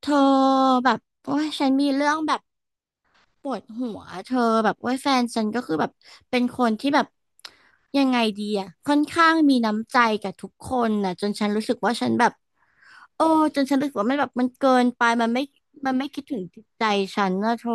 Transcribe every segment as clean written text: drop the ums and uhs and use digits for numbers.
เธอแบบโอ้ยฉันมีเรื่องแบบ ปวดหัวเธอแบบว่าแฟนฉันก็คือแบบเป็นคนที่แบบยังไงดีอะค่อนข้างมีน้ำใจกับทุกคนนะจนฉันรู้สึกว่าฉันแบบโอ้จนฉันรู้สึกว่ามันแบบมันเกินไปมันไม่คิดถึงจิตใจฉันนะเธอ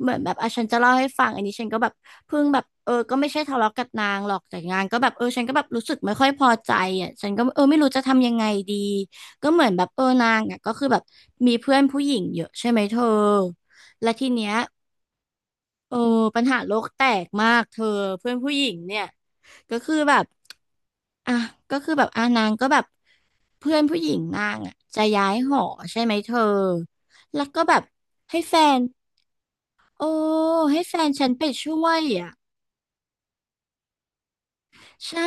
เหมือนแบบอ่ะฉันจะเล่าให้ฟังอันนี้ฉันก็แบบเพิ่งแบบเออก็ไม่ใช่ทะเลาะกับนางหรอกแต่งานก็แบบเออฉันก็แบบรู้สึกไม่ค่อยพอใจอ่ะฉันก็เออไม่รู้จะทำยังไงดีก็เหมือนแบบเออนางอ่ะก็คือแบบมีเพื่อนผู้หญิงเยอะใช่ไหมเธอและทีเนี้ย โอ้ปัญหาโลกแตกมากเธอเพื่อนผู้หญิงเนี่ยก็คือแบบอ่ะก็คือแบบอ่ะนางก็แบบเพื่อนผู้หญิงนางอ่ะจะย้ายหอใช่ไหมเธอแล้วก็แบบให้แฟนโอ้ให้แฟนฉันไปช่วยอ่ะใช่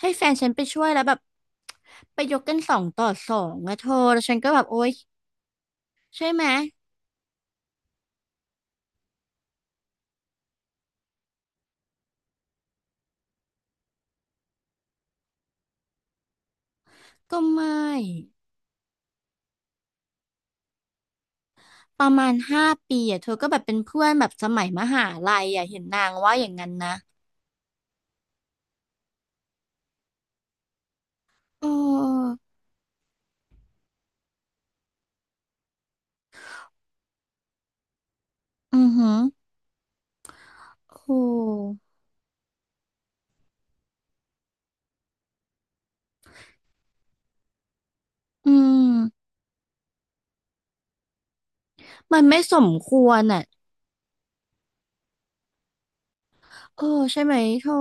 ให้แฟนฉันไปช่วยแล้วแบบไปยกกันสองต่อสองอะเธอแล้วฉันก็แบบโอ๊ยใช่ไหมก็ไม่ประมาณ5 ปีอะเธอก็แบบเป็นเพื่อนแบบสมัยมหาลัยอะเห็นนางว่าอย่างนั้นนะ เอออือหือโหอืมมันไม่สมควรอ่ะเออใช่ไหมเธอ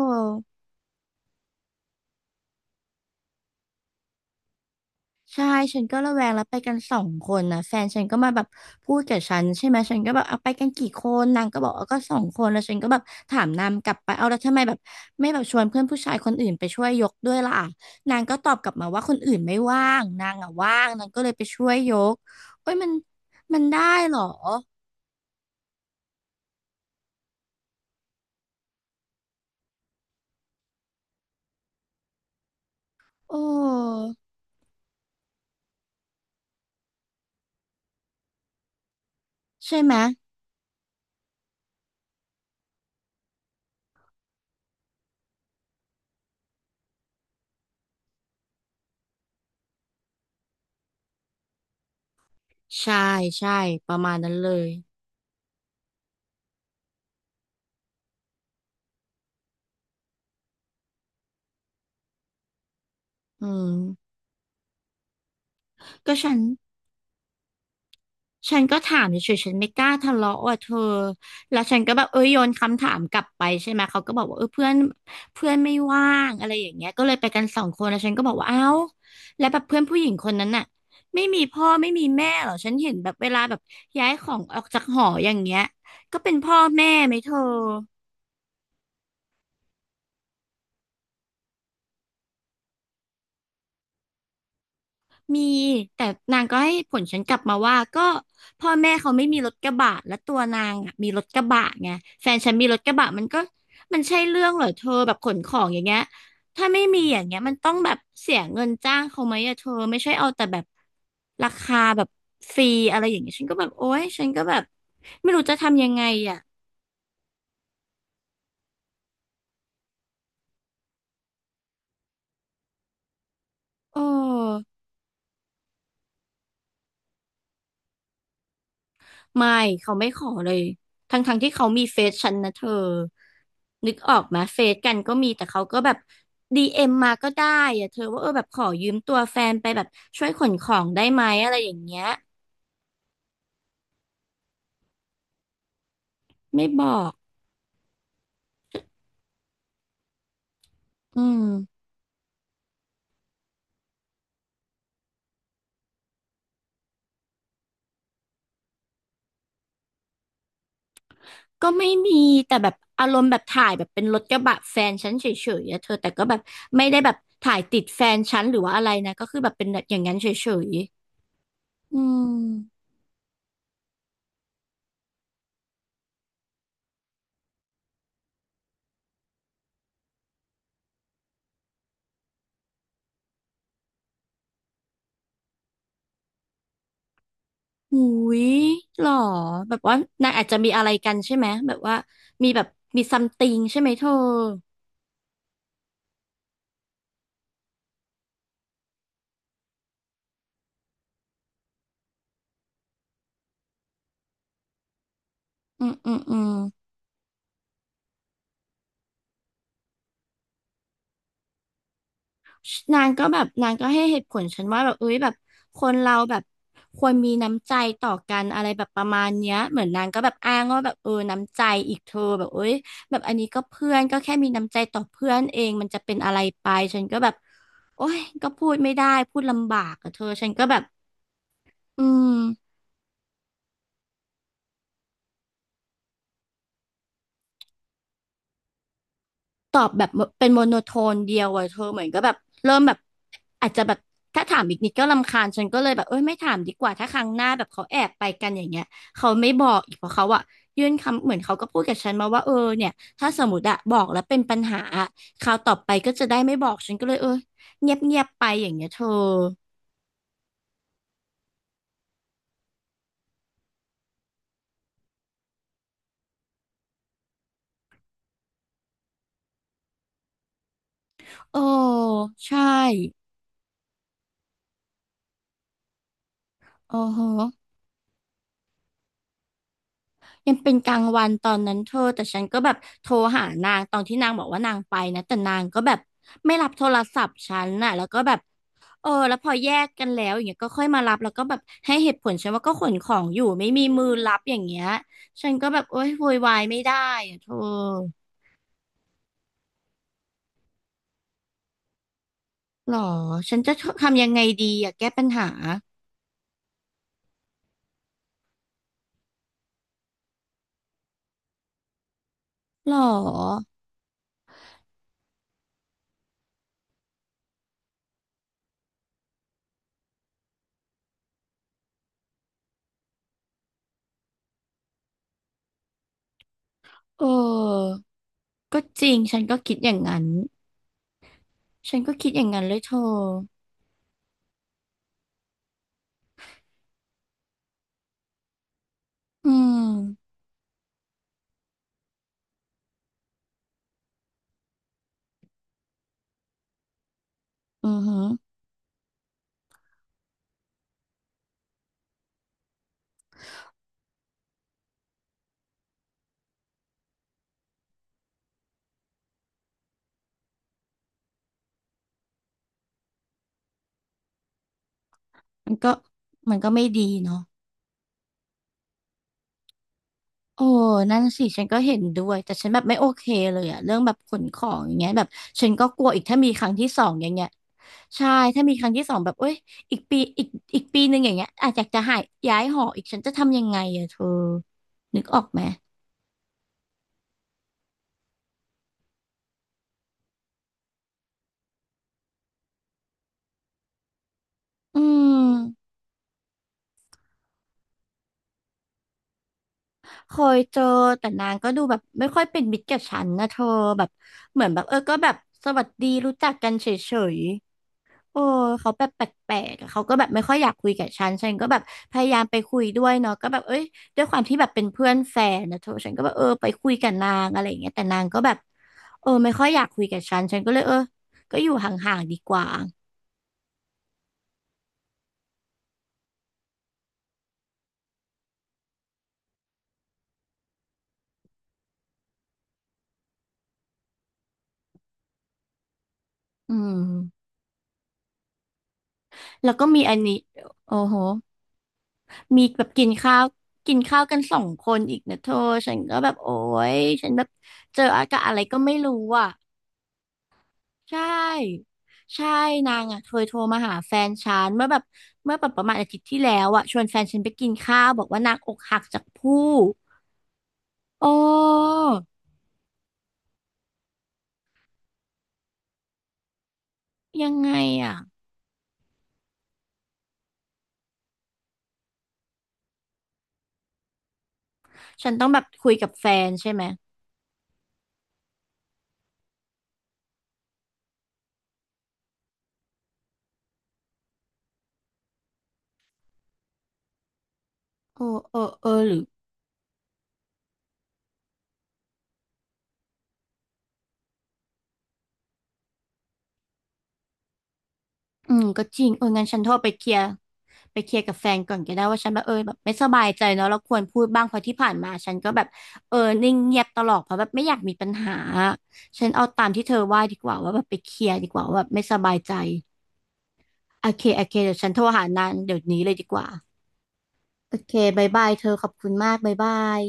ใช่ฉันก็ระแวงแล้วไปกันสองคนนะแฟนฉันก็มาแบบพูดกับฉันใช่ไหมฉันก็แบบเอาไปกันกี่คนนางก็บอกเอาก็สองคนแล้วฉันก็แบบถามนางกลับไปเอาแล้วทำไมแบบไม่แบบชวนเพื่อนผู้ชายคนอื่นไปช่วยยกด้วยล่ะนางก็ตอบกลับมาว่าคนอื่นไม่ว่างนางอ่ะว่างนางก็เลยไปช่วยยกโอ้ยมันได้เหรอโอ้ใช่ไหม ใช่ใช่ประมาณนั้นเลยอืมก็ฉันก็ถามเฉยๆฉันไม่กล้าทะเลาะว่ะเธอ แล้วฉันก็แบบเออโยนคำถามกลับไปใช่ไหมเขาก็บอกว่าเออเพื่อนเพื่อนไม่ว่างอะไรอย่างเงี้ยก็เลยไปกันสองคนแล้วฉันก็บอกว่าเอ้าแล้วแบบเพื่อนผู้หญิงคนนั้นน่ะไม่มีพ่อไม่มีแม่เหรอ ฉันเห็นแบบเวลาแบบย้ายของออกจากหออย่างเงี้ยก็เป็นพ่อแม่ไหมเธอ มีแต่นางก็ให้ผลฉันกลับมาว่าก็พ่อแม่เขาไม่มีรถกระบะและตัวนางอะมีรถกระบะไงแฟนฉันมีรถกระบะมันก็มันใช่เรื่องเหรอเธอแบบขนของอย่างเงี้ยถ้าไม่มีอย่างเงี้ยมันต้องแบบเสียเงินจ้างเขาไหมอะเธอไม่ใช่เอาแต่แบบราคาแบบฟรีอะไรอย่างเงี้ยฉันก็แบบโอ๊ยฉันก็แบบไม่รู้จะทำยังไงอะโอ้ ไม่เขาไม่ขอเลยทั้งที่เขามีเฟซฉันนะเธอนึกออกไหมเฟซกันก็มีแต่เขาก็แบบดีเอ็มมาก็ได้อะเธอว่าเออแบบขอยืมตัวแฟนไปแบบช่วยขนของได้ไหมอะไรอย่างเงี้ยไม่บอกอืมก็ไม่มีแต่แบบอารมณ์แบบถ่ายแบบเป็นรถกระบะแฟนฉันเฉยๆอะเธอแต่ก็แบบไม่ได้แบบถ่ายติดแฟนฉันหรือว่าอะไรนะก็คือแบบเป็นแบบอย่างนั้นเฉยๆอืม หูยหรอแบบว่านางอาจจะมีอะไรกันใช่ไหมแบบว่ามีแบบมีซัมติงใช่ไหมเธออืมอืมอืมนางก็แบบนางก็ให้เหตุผลฉันว่าแบบเอ้ยแบบคนเราแบบควรมีน้ำใจต่อกันอะไรแบบประมาณเนี้ยเหมือนนางก็แบบอ้างว่าแบบเออน้ำใจอีกเธอแบบเอ้ยแบบอันนี้ก็เพื่อนก็แค่มีน้ำใจต่อเพื่อนเองมันจะเป็นอะไรไปฉันก็แบบโอ้ยก็พูดไม่ได้พูดลำบากอะเธอฉันก็แบบอืม ตอบแบบเป็นโมโนโทนเดียวอะเธอเหมือนก็แบบเริ่มแบบอาจจะแบบถ้าถามอีกนิดก็รำคาญฉันก็เลยแบบเอ้ยไม่ถามดีกว่าถ้าครั้งหน้าแบบเขาแอบไปกันอย่างเงี้ยเขาไม่บอกอีกเพราะเขาอะยื่นคำเหมือนเขาก็พูดกับฉันมาว่าเออเนี่ยถ้าสมมติอะบอกแล้วเป็นปัญหาอะคราวต่อไปก็จะได้ไม่บอกฉันก็เลยเออเงียบไปอย่างเงี้ยเธอโอ้ใช่โอ้โห ยังเป็นกลางวันตอนนั้นเธอแต่ฉันก็แบบโทรหานางตอนที่นางบอกว่านางไปนะแต่นางก็แบบไม่รับโทรศัพท์ฉันน่ะแล้วก็แบบแล้วพอแยกกันแล้วอย่างเงี้ยก็ค่อยมารับแล้วก็แบบให้เหตุผลฉันว่าก็ขนของอยู่ไม่มีมือรับอย่างเงี้ยฉันก็แบบโอ๊ยโวยวายไม่ได้อะเธอหรอฉันจะทำยังไงดีอะแก้ปัญหาหรอเออก็จริงฉันก็คิดอย่างนั้นฉันก็คิดอย่างนั้นเลยเธออืมอือหือ มันก็มันก็ไม่ดีเนาะโอ้นั่นสิฉันก็เห็นด้วยแต่ฉันแบบไม่โอเคเลยอะเรื่องแบบขนของอย่างเงี้ยแบบฉันก็กลัวอีกถ้ามีครั้งที่สองอย่างเงี้ยใช่ถ้ามีครั้งที่สองแบบเอ้ยอีกปีอีกปีหนึ่งอย่างเงี้ยอาจจะหายย้ายหออีกฉันจะทำยังไงอะเธอนึกออกไหมอืมเคยเจอแต่นางก็ดูแบบไม่ค่อยเป็นมิตรกับฉันนะเธอแบบเหมือนแบบก็แบบสวัสดีรู้จักกันเฉย โอ้เขาแบบแปลกๆอะเขาก็แบบไม่ค่อยอยากคุยกับฉันฉันก็แบบพยายามไปคุยด้วยเนาะก็แบบเอ้ยด้วยความที่แบบเป็นเพื่อนแฟนนะเธอฉันก็แบบไปคุยกับนางอะไรอย่างเงี้ยแต่นางก็แบบไม่ค่อยอยากคุยกับฉันฉันก็เลยก็อยู่ห่างๆดีกว่าอืมแล้วก็มีอันนี้โอ้โหมีแบบกินข้าวกันสองคนอีกนะเธอฉันก็แบบโอ้ยฉันแบบเจออากาศอะไรก็ไม่รู้อ่ะ ใช่ใช่นางอ่ะเคยโทรมาหาแฟนฉันเมื่อแบบประมาณอาทิตย์ที่แล้วอ่ะชวนแฟนฉันไปกินข้าวบอกว่านางอกหักจากผู้โอ้ยังไงอ่ะฉันต้องแบบคุยกับแฟนใช่ไหมโอ้เออหรืออืมก็จริงงั้นฉันโทรไปเคลียร์กับแฟนก่อนก็ได้ว่าฉันแบบแบบไม่สบายใจเนาะเราควรพูดบ้างเพราะที่ผ่านมาฉันก็แบบเออนิ่งเงียบตลอดเพราะแบบไม่อยากมีปัญหาฉันเอาตามที่เธอว่าดีกว่าว่าแบบไปเคลียร์ดีกว่าว่าแบบไม่สบายใจ โอเค โอเค เดี๋ยวฉันโทรหานางเดี๋ยวนี้เลยดีกว่า โอเคบายบายเธอขอบคุณมากบายบาย